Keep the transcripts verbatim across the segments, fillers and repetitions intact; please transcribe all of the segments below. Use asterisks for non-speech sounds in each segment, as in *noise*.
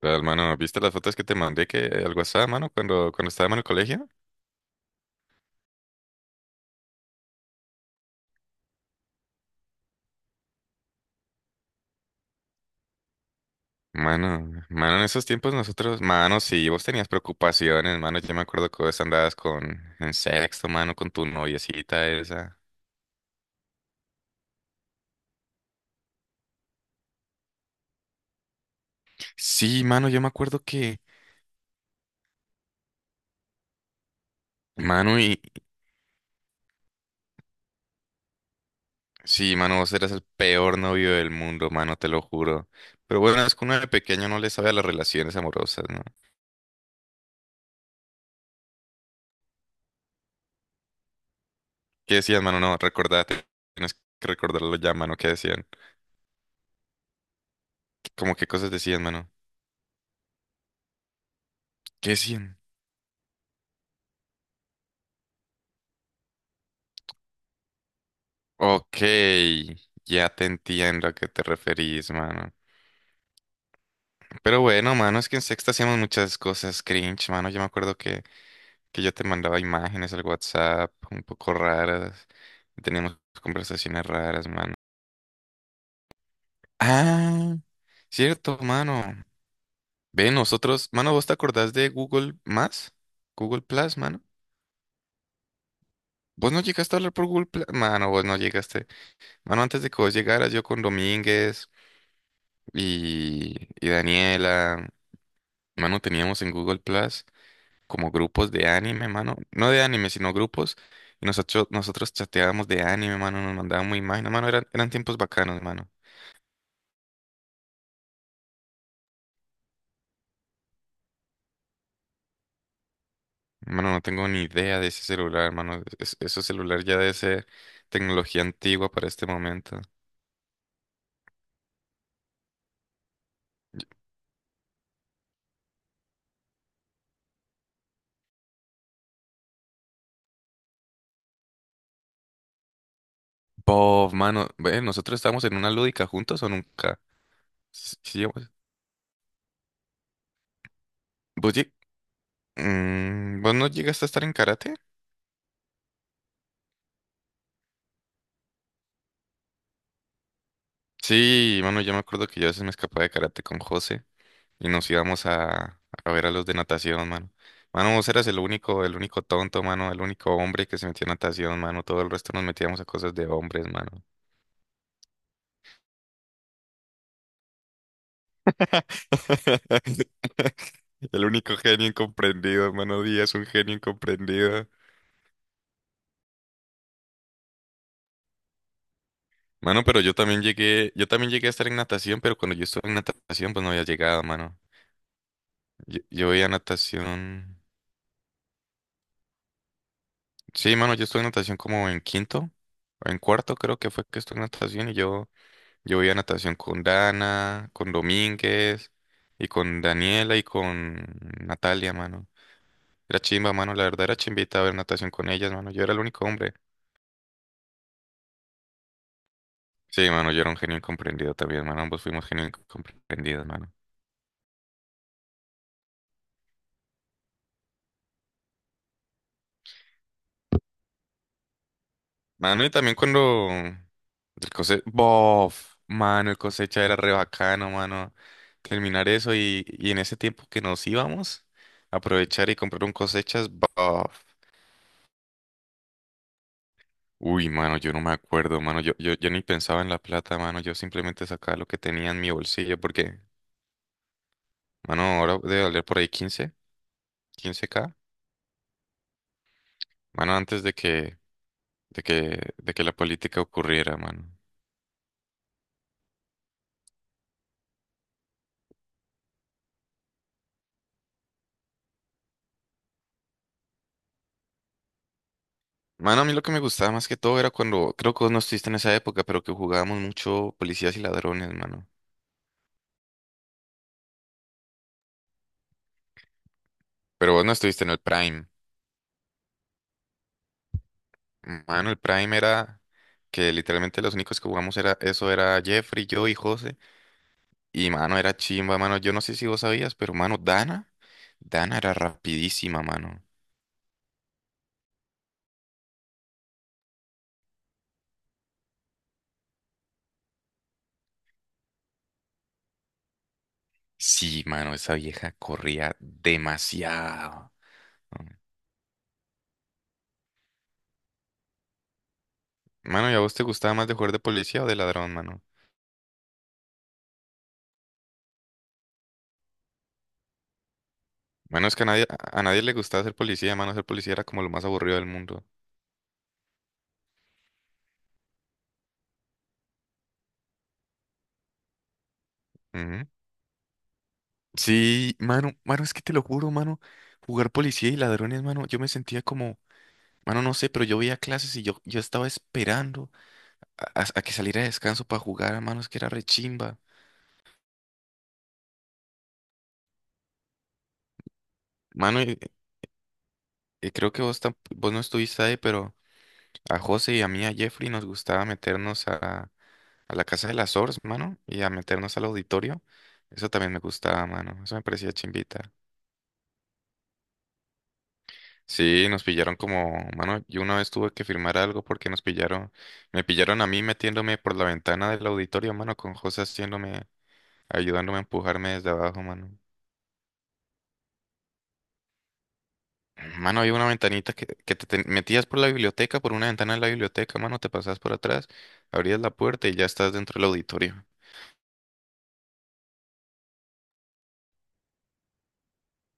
Real, mano, ¿viste las fotos que te mandé que al WhatsApp, mano, cuando, cuando estábamos en el colegio? Mano, mano, en esos tiempos nosotros, mano, sí, vos tenías preocupaciones, mano, yo me acuerdo que vos andabas con, en sexto, mano, con tu noviecita esa. Sí, mano, yo me acuerdo que, mano, y, sí, mano, vos eras el peor novio del mundo, mano, te lo juro. Pero bueno, es que uno de pequeño no le sabe a las relaciones amorosas, ¿no? ¿Qué decías, mano? No, recordate, tienes que recordarlo ya, mano, ¿qué decían? ¿Cómo qué cosas decían, mano? ¿Qué decían? Ok, ya te entiendo a qué te referís, mano. Pero bueno, mano, es que en sexta hacíamos muchas cosas cringe, mano. Yo me acuerdo que, que yo te mandaba imágenes al WhatsApp un poco raras. Teníamos conversaciones raras, mano. Ah, cierto, mano. Ve, nosotros, mano, ¿vos te acordás de Google Más? Google Plus, mano. ¿Vos no llegaste a hablar por Google Plus? Mano, vos no llegaste. Mano, antes de que vos llegaras, yo con Domínguez y, y Daniela. Mano, teníamos en Google Plus como grupos de anime, mano. No de anime, sino grupos. Y nosotros, nosotros chateábamos de anime, mano. Nos mandábamos imágenes, mano. Eran, eran tiempos bacanos, mano. Mano, no tengo ni idea de ese celular, mano. Es- ese celular ya debe ser tecnología antigua para este momento. Bob, mano. Ve, ¿nosotros estábamos en una lúdica juntos o nunca? Sí, sí, vos, vos lleg- mm, ¿vos no llegaste a estar en karate? Sí, mano, yo me acuerdo que yo a veces me escapaba de karate con José, y nos íbamos a, a ver a los de natación, mano. Mano, vos eras el único, el único tonto, mano, el único hombre que se metía a natación, mano. Todo el resto nos metíamos a cosas de hombres, mano. *laughs* El único genio incomprendido, mano Díaz, un genio incomprendido. Mano, pero yo también llegué, yo también llegué a estar en natación, pero cuando yo estuve en natación, pues no había llegado, mano. Yo, yo veía natación. Sí, mano, yo estuve en natación como en quinto o en cuarto, creo que fue que estuve en natación y yo. Yo voy a natación con Dana, con Domínguez y con Daniela y con Natalia, mano. Era chimba, mano, la verdad era chimbita ver natación con ellas, mano. Yo era el único hombre. Sí, mano, yo era un genio incomprendido también, mano. Ambos fuimos genios incomprendidos, mano. Mano, y también cuando el cose bof, mano, el cosecha era re bacano, mano. Terminar eso y, y en ese tiempo que nos íbamos, aprovechar y comprar un cosechas, bof. Uy, mano, yo no me acuerdo, mano. Yo, yo, yo ni pensaba en la plata, mano. Yo simplemente sacaba lo que tenía en mi bolsillo porque, mano, ahora debe valer por ahí quince, quince K. Mano, antes de que, de que, de que la política ocurriera, mano. Mano, a mí lo que me gustaba más que todo era cuando, creo que vos no estuviste en esa época, pero que jugábamos mucho policías y ladrones, mano. Pero vos no estuviste en el Prime. Mano, el Prime era que literalmente los únicos que jugamos era, eso era Jeffrey, yo y José. Y, mano, era chimba, mano. Yo no sé si vos sabías, pero, mano, Dana. Dana era rapidísima, mano. Sí, mano, esa vieja corría demasiado. Mano, ¿y a vos te gustaba más de jugar de policía o de ladrón, mano? Bueno, es que a nadie, a nadie le gustaba ser policía, mano. Ser policía era como lo más aburrido del mundo. Ujú. Sí, mano, mano, es que te lo juro, mano. Jugar policía y ladrones, mano, yo me sentía como, mano, no sé, pero yo veía clases y yo, yo estaba esperando a, a- a que saliera de descanso para jugar, mano, es que era rechimba. Mano, y- y creo que vos, tamp- vos no estuviste ahí, pero... A José y a mí, a Jeffrey, nos gustaba meternos a, a la casa de las Ors, mano, y a meternos al auditorio. Eso también me gustaba, mano. Eso me parecía chimbita. Sí, nos pillaron como, mano, yo una vez tuve que firmar algo porque nos pillaron, me pillaron a mí metiéndome por la ventana del auditorio, mano, con José haciéndome, ayudándome a empujarme desde abajo, mano. Mano, había una ventanita que, que te, te metías por la biblioteca, por una ventana de la biblioteca, mano, te pasabas por atrás, abrías la puerta y ya estás dentro del auditorio.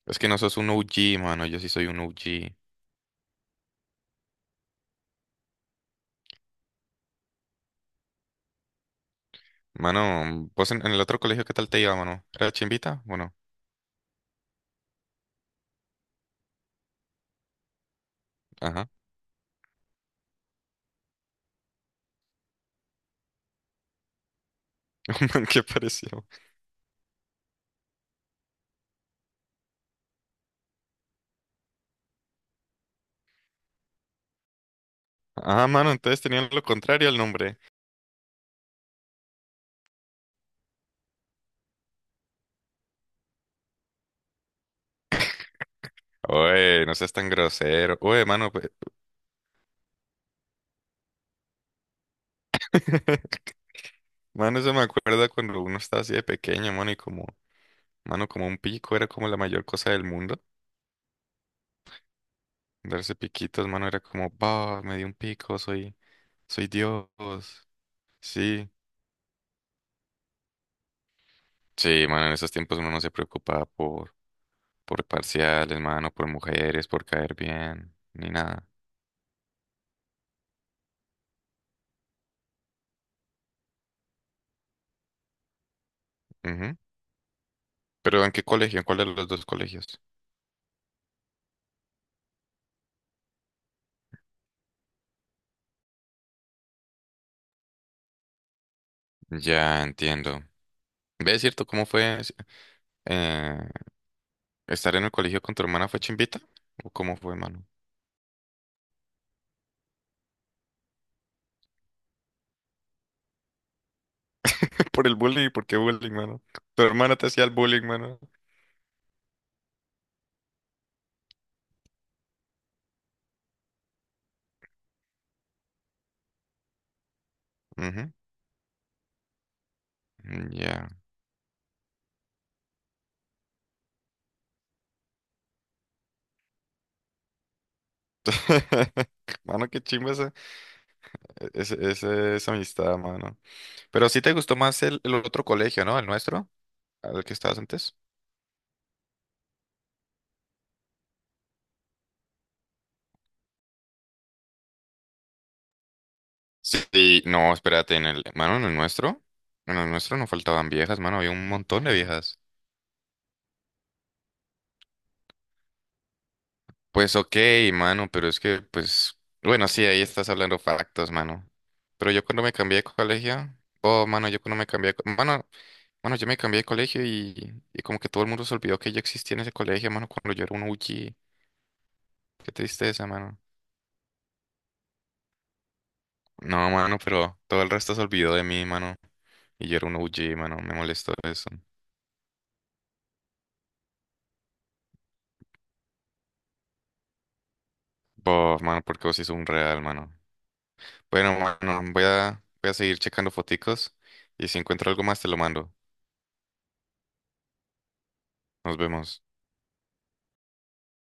Es que no sos un O G, mano. Yo sí soy un O G. Mano, vos en, en el otro colegio, ¿qué tal te iba, mano? ¿Era chimbita? Bueno, ajá. *laughs* Man, ¿qué pareció? Ah, mano, entonces tenían lo contrario al nombre. Oye, no seas tan grosero. Oye, mano, pues. *laughs* Mano, eso me acuerda cuando uno estaba así de pequeño, mano, y como, mano, como un pico era como la mayor cosa del mundo. Darse piquitos, mano, era como, bah, me di un pico, soy, soy Dios. Sí. Sí, mano, en esos tiempos uno no se preocupaba por. Por parciales, mano, por mujeres, por caer bien, ni nada. Ujú. Pero ¿en qué colegio? ¿En cuál de los dos colegios? Ya entiendo. ¿Ves cierto cómo fue eh, estar en el colegio con tu hermana fue chimbita? ¿O cómo fue, mano? *laughs* Por el bullying, ¿por qué bullying, mano? Tu hermana te hacía el bullying, mano. Ujú. mm, Ya. *laughs* Mano, qué chimba esa, ese- ese- esa amistad, mano. Pero sí te gustó más el, el otro colegio, ¿no? El nuestro, al que estabas antes. Sí, no, espérate, en el, mano, en el nuestro, en el nuestro no faltaban viejas, mano, había un montón de viejas. Pues ok, mano, pero es que, pues, bueno, sí, ahí estás hablando factos, mano. Pero yo cuando me cambié de colegio, oh, mano, yo cuando me cambié de, co- mano, mano, yo me cambié de colegio y, y como que todo el mundo se olvidó que yo existía en ese colegio, mano, cuando yo era un U G. Qué tristeza, mano. No, mano, pero todo el resto se olvidó de mí, mano, y yo era un U G, mano, me molestó eso. Bof, mano, porque vos sí sos un real, mano. Bueno, mano, voy a, voy a seguir checando foticos y si encuentro algo más te lo mando. Nos vemos.